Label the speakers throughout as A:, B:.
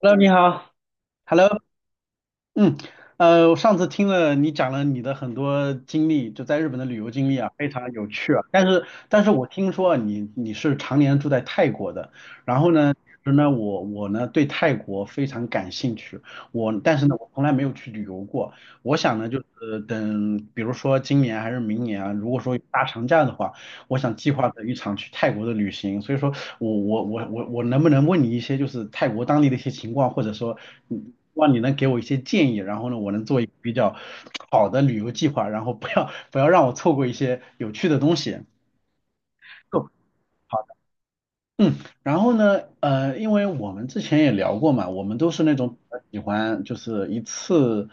A: Hello，你好。Hello，嗯，我上次听了你讲了你的很多经历，就在日本的旅游经历啊，非常有趣啊。但是我听说啊你是常年住在泰国的，然后呢，其实呢，我呢对泰国非常感兴趣，但是呢，我从来没有去旅游过。我想呢，就是等比如说今年还是明年啊，如果说有大长假的话。我想计划着一场去泰国的旅行，所以说我能不能问你一些就是泰国当地的一些情况，或者说，嗯，希望你能给我一些建议，然后呢，我能做一个比较好的旅游计划，然后不要让我错过一些有趣的东西。够好。嗯，然后呢，因为我们之前也聊过嘛，我们都是那种比较喜欢就是一次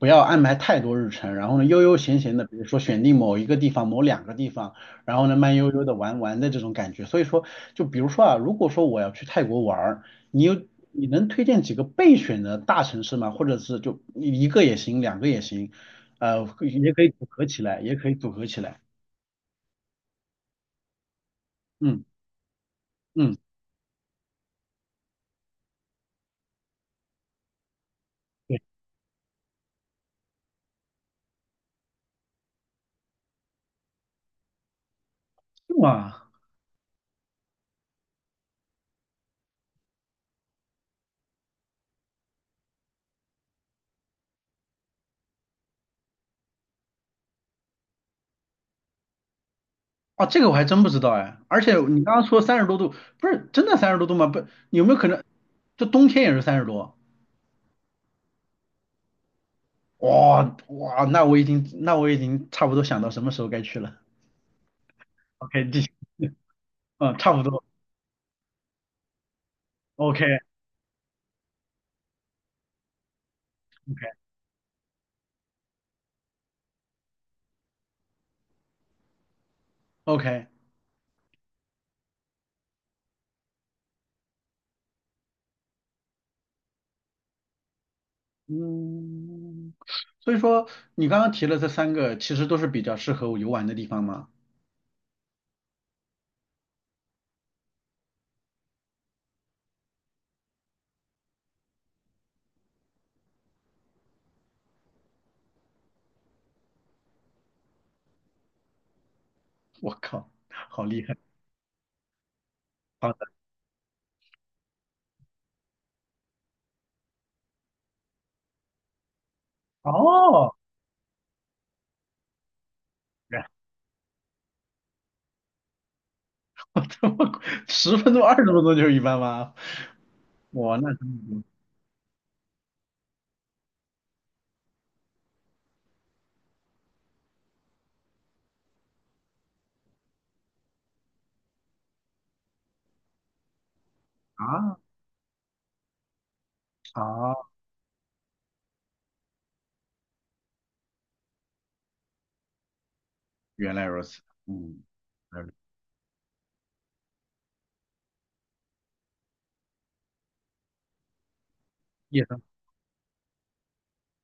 A: 不要安排太多日程，然后呢悠悠闲闲的，比如说选定某一个地方、某两个地方，然后呢慢悠悠的玩玩的这种感觉。所以说，就比如说啊，如果说我要去泰国玩儿，你有你能推荐几个备选的大城市吗？或者是就一个也行，两个也行，也可以组合起来，也可以组合起来。嗯嗯，对，是吗？啊，这个我还真不知道哎。而且你刚刚说三十多度，不是真的三十多度吗？不，有没有可能这冬天也是三十多？哇哇，那我已经差不多想到什么时候该去了。OK,继续，嗯，差不多。OK OK OK,嗯，所以说你刚刚提了这三个，其实都是比较适合我游玩的地方吗？我靠，好厉害！好的，哦，然后这么快十分钟、20分钟就是一般吗？哇，那真的啊。啊，原来如此，嗯，嗯夜生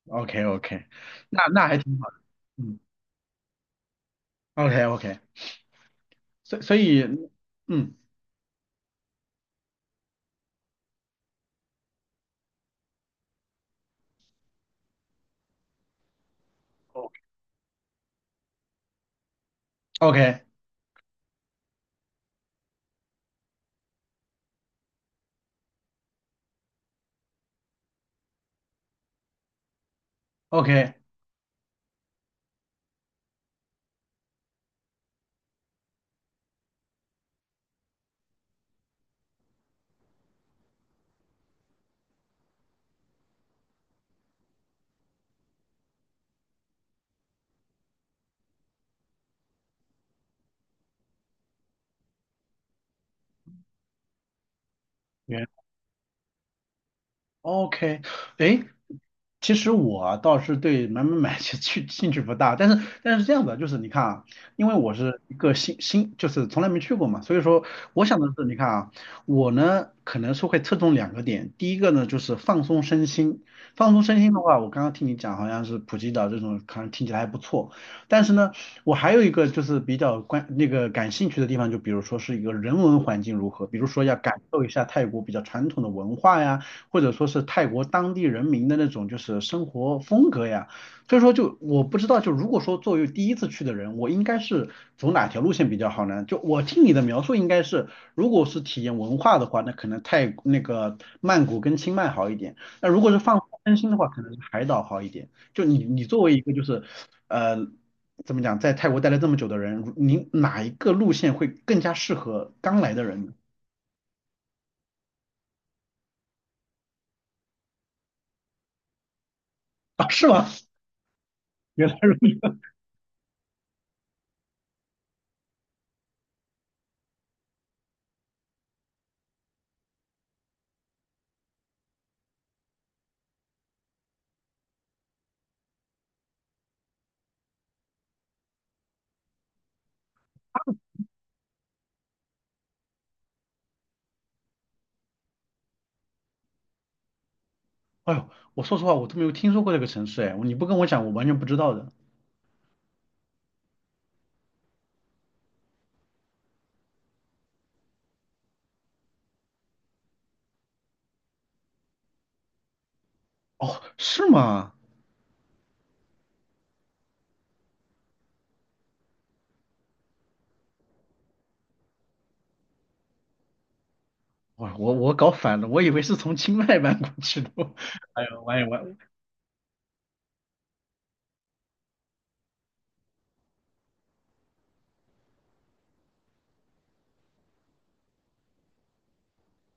A: o k OK,那还挺好的，嗯，OK OK,所以所以，嗯，OK OK OK，OK，哎，其实我啊倒是对买买买其实去兴趣不大，但是这样的，就是你看啊，因为我是一个新，就是从来没去过嘛，所以说我想的是，你看啊，我呢可能是会侧重两个点，第一个呢就是放松身心，放松身心的话，我刚刚听你讲好像是普吉岛这种，可能听起来还不错，但是呢，我还有一个就是比较那个感兴趣的地方，就比如说是一个人文环境如何，比如说要感受一下泰国比较传统的文化呀。或者说是泰国当地人民的那种就是生活风格呀。所以说就我不知道，就如果说作为第一次去的人，我应该是走哪条路线比较好呢？就我听你的描述，应该是如果是体验文化的话，那可能那个曼谷跟清迈好一点。那如果是放松身心的话，可能是海岛好一点。就你作为一个就是呃怎么讲，在泰国待了这么久的人，你哪一个路线会更加适合刚来的人呢？啊，是吗？原来如此。哎呦，我说实话，我都没有听说过这个城市，哎，你不跟我讲，我完全不知道的。哦，是吗？我搞反了，我以为是从清迈搬过去的。哎呦，我也我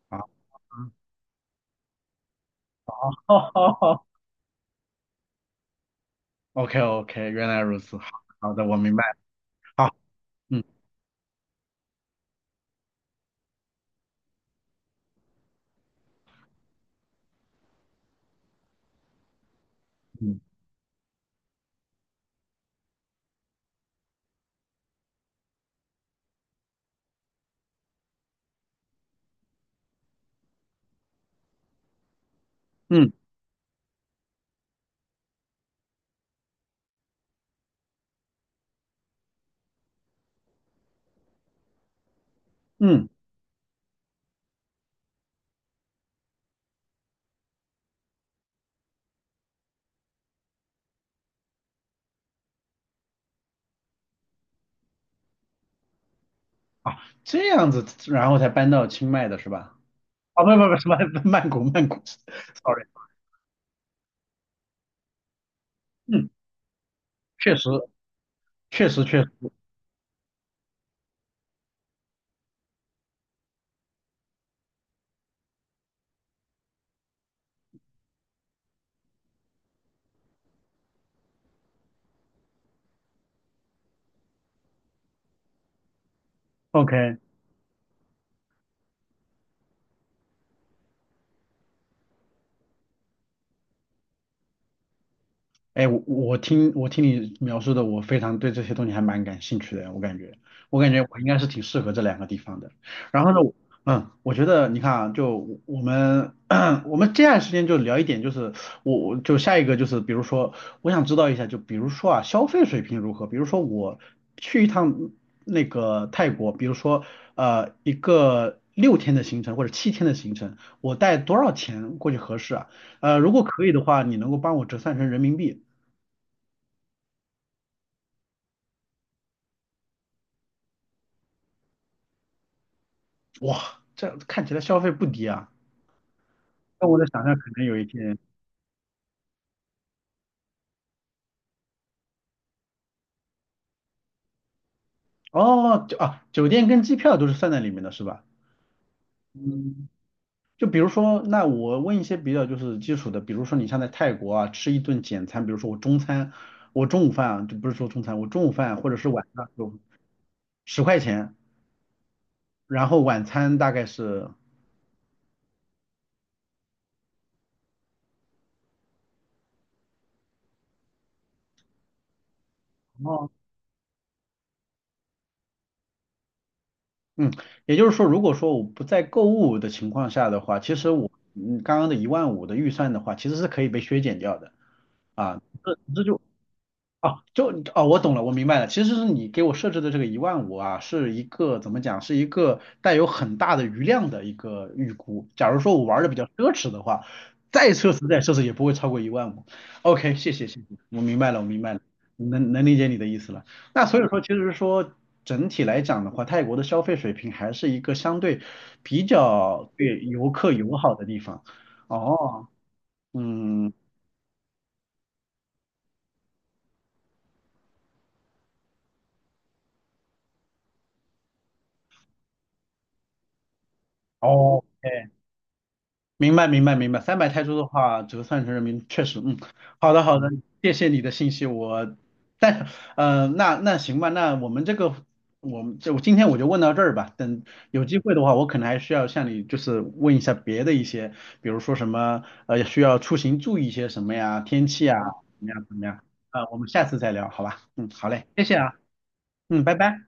A: 啊，好好好，OK OK,原来如此，好好的，我明白了。好，嗯嗯嗯嗯，啊，这样子，然后才搬到清迈的是吧？啊，不不不，什么 曼谷曼谷 ，sorry,嗯，确实确实确实，OK。哎，我听你描述的，我非常对这些东西还蛮感兴趣的。我感觉我应该是挺适合这两个地方的。然后呢，我觉得你看啊，我们 我们接下来时间就聊一点，就是我就下一个就是，比如说我想知道一下，就比如说啊，消费水平如何？比如说我去一趟那个泰国，比如说一个6天的行程或者7天的行程，我带多少钱过去合适啊？如果可以的话，你能够帮我折算成人民币？哇，这看起来消费不低啊。那我在想象可能有一天，哦，就啊，酒店跟机票都是算在里面的，是吧？嗯，就比如说，那我问一些比较就是基础的，比如说你像在泰国啊，吃一顿简餐，比如说我中餐，我中午饭啊，就不是说中餐，我中午饭或者是晚上有10块钱，然后晚餐大概是，哦，嗯，也就是说，如果说我不在购物的情况下的话，其实刚刚的一万五的预算的话，其实是可以被削减掉的啊，这就哦，就哦，我懂了，我明白了。其实是你给我设置的这个一万五啊，是一个怎么讲，是一个带有很大的余量的一个预估。假如说我玩的比较奢侈的话，再奢侈再奢侈也不会超过一万五。OK,谢谢谢谢，我明白了，我明白了，能理解你的意思了。那所以说，其实说整体来讲的话，泰国的消费水平还是一个相对比较对游客友好的地方。哦，嗯，哦。明白，明白，明白。300泰铢的话，折算成人民币，确实，嗯，好的，好的，谢谢你的信息。我，但是，那行吧，那我们这个，我们就今天我就问到这儿吧。等有机会的话，我可能还需要向你就是问一下别的一些，比如说什么，需要出行注意一些什么呀，天气啊，怎么样怎么样？啊，我们下次再聊，好吧？嗯，好嘞，谢谢啊，嗯，拜拜。